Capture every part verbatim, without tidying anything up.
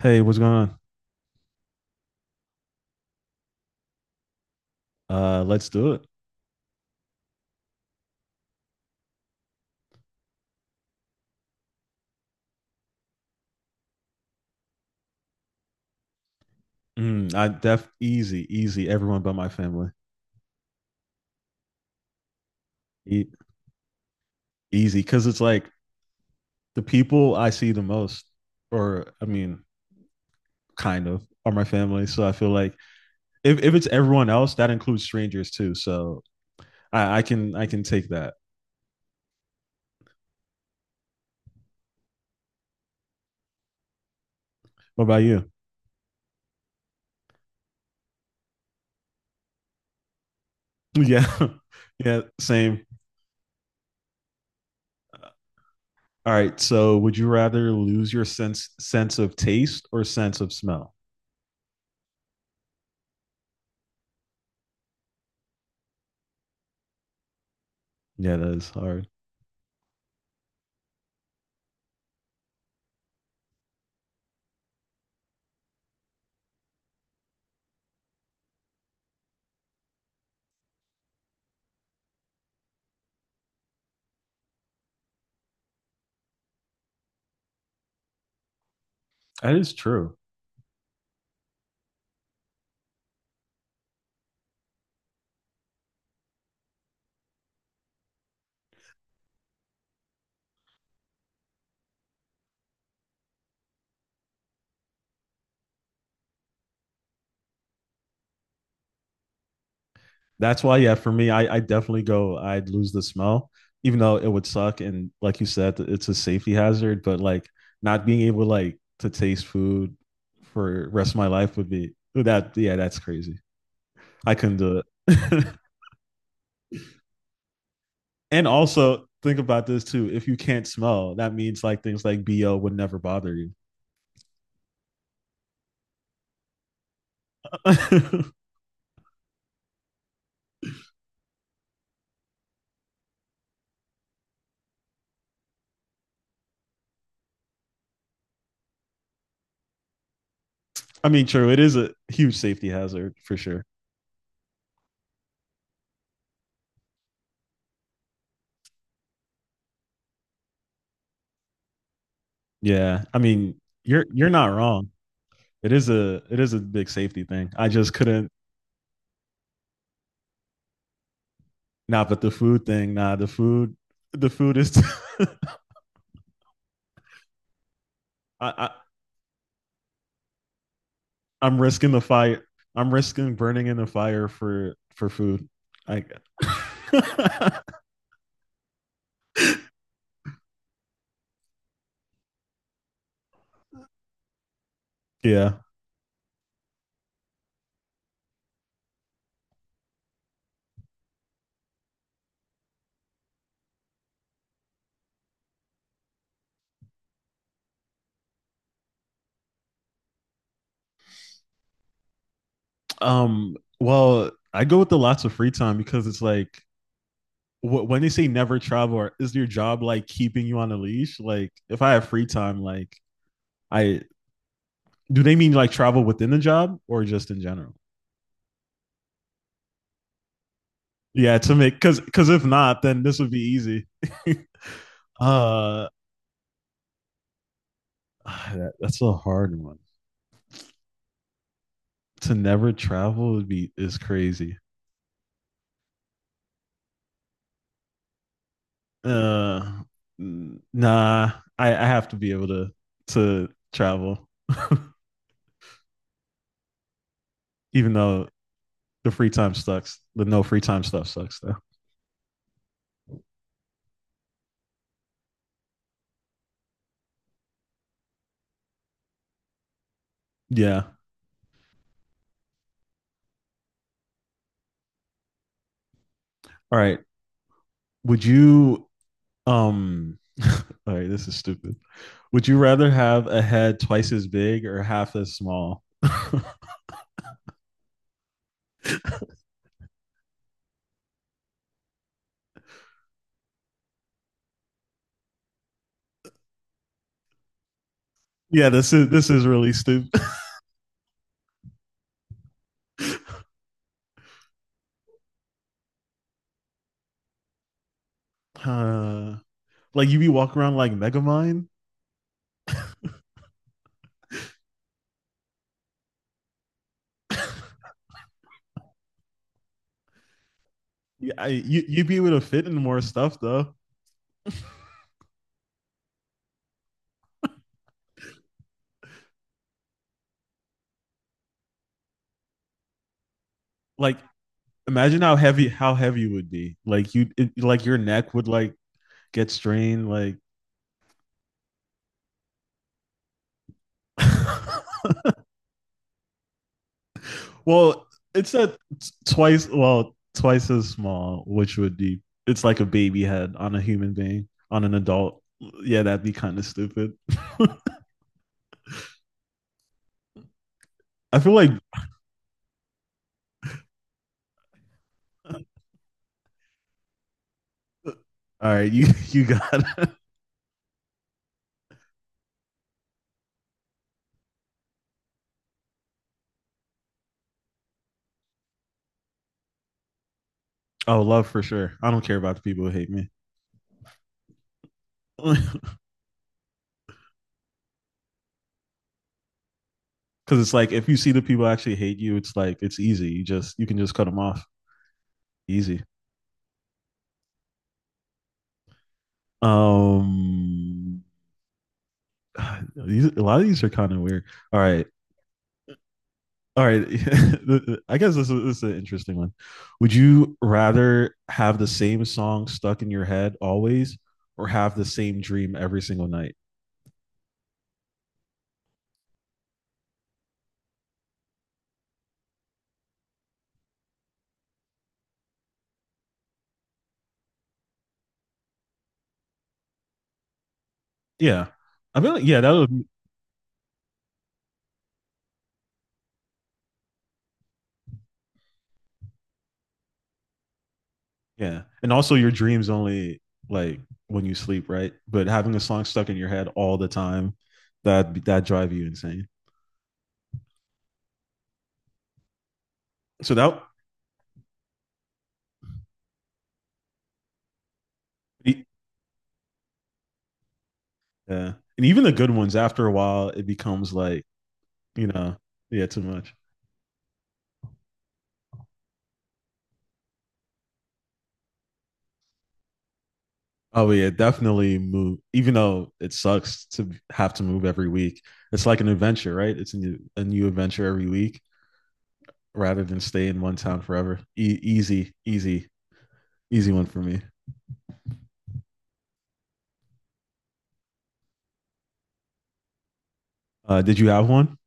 Hey, what's going on? Uh, let's do it. Mm, I def easy, easy. Everyone but my family. E- Easy, because it's like the people I see the most, or I mean, kind of, are my family. So I feel like if if it's everyone else, that includes strangers too. So I, I can I can take that. What about you? Yeah, yeah, same. All right. So would you rather lose your sense sense of taste or sense of smell? Yeah, that is hard. That is true. That's why, yeah, for me, I, I definitely go, I'd lose the smell, even though it would suck. And like you said, it's a safety hazard, but like not being able like to taste food for the rest of my life would be that yeah, that's crazy. I couldn't do it. And also think about this too. If you can't smell, that means like things like B O would never bother you. I mean, true, it is a huge safety hazard for sure. Yeah. I mean, you're you're not wrong. It is a it is a big safety thing. I just couldn't nah, but the food thing, nah, the food, the food is. I, I, I'm risking the fire. I'm risking burning in the fire for for food. I. yeah. Um. Well, I go with the lots of free time because it's like wh- when they say never travel, is your job like keeping you on a leash? Like, if I have free time, like I do, they mean like travel within the job or just in general? Yeah, to make because because if not, then this would be easy. uh Ah, That- that's a hard one. To never travel would be is crazy. Uh, nah, I, I have to be able to to travel, even though the free time sucks. The no free time stuff sucks though. Yeah. All right. Would you um? All right. This is stupid. Would you rather have a head twice as big or half as small? Yeah. This is this is really stupid. Uh, like you be walking around like Megamind. Yeah, I, you you'd be able to fit in more stuff though. Like imagine how heavy how heavy you would be. Like you it, like your neck would like get strained. Like well, it's a t- twice well twice as small, which would be it's like a baby head on a human being on an adult. Yeah, that'd be kind of stupid. I feel like all right, you you got it. Oh love for sure. I don't care about the people who hate me. Because it's like if you see the people actually hate you, it's like it's easy. You just you can just cut them off. Easy. Um, these, a lot of these are kind of weird. All right. All right. I guess this is, this is an interesting one. Would you rather have the same song stuck in your head always or have the same dream every single night? Yeah. I mean, yeah, that would, yeah. And also, your dreams only like when you sleep, right? But having a song stuck in your head all the time, that that drive you insane. So that, yeah. And even the good ones, after a while, it becomes like, you know, yeah, too much. Oh, yeah, definitely move. Even though it sucks to have to move every week, it's like an adventure, right? It's a new, a new adventure every week rather than stay in one town forever. E- easy, easy, easy one for me. Uh, did you have one?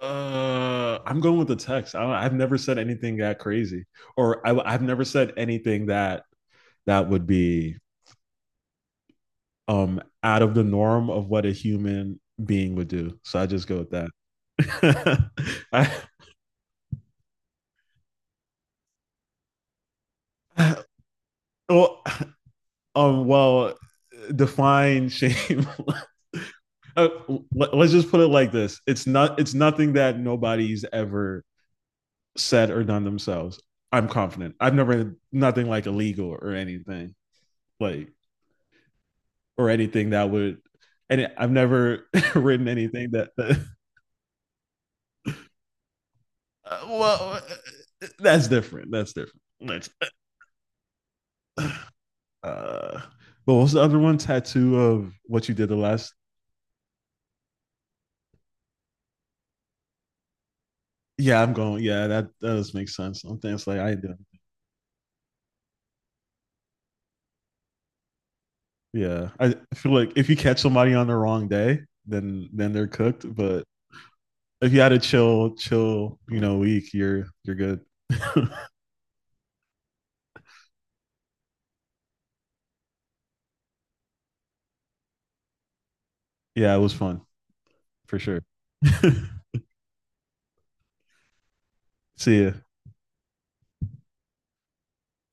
Uh, I'm going with the text. I, I've never said anything that crazy, or I, I've never said anything that that would be um out of the norm of what a human being would do. So I just go with that. I, well, um, well, define shame. let- us just put it like this: it's not. It's nothing that nobody's ever said or done themselves. I'm confident. I've never nothing like illegal or anything like or anything that would. And I've never written anything that. that uh, well, uh, that's different. That's different. That's. Uh, but what's the other one? Tattoo of what you did the last yeah, I'm going. Yeah, that, that does make sense. Something it's like I do. Yeah, I feel like if you catch somebody on the wrong day, then then they're cooked. But if you had a chill, chill, you know, week, you're you're good. Yeah, it was fun for sure. See ya.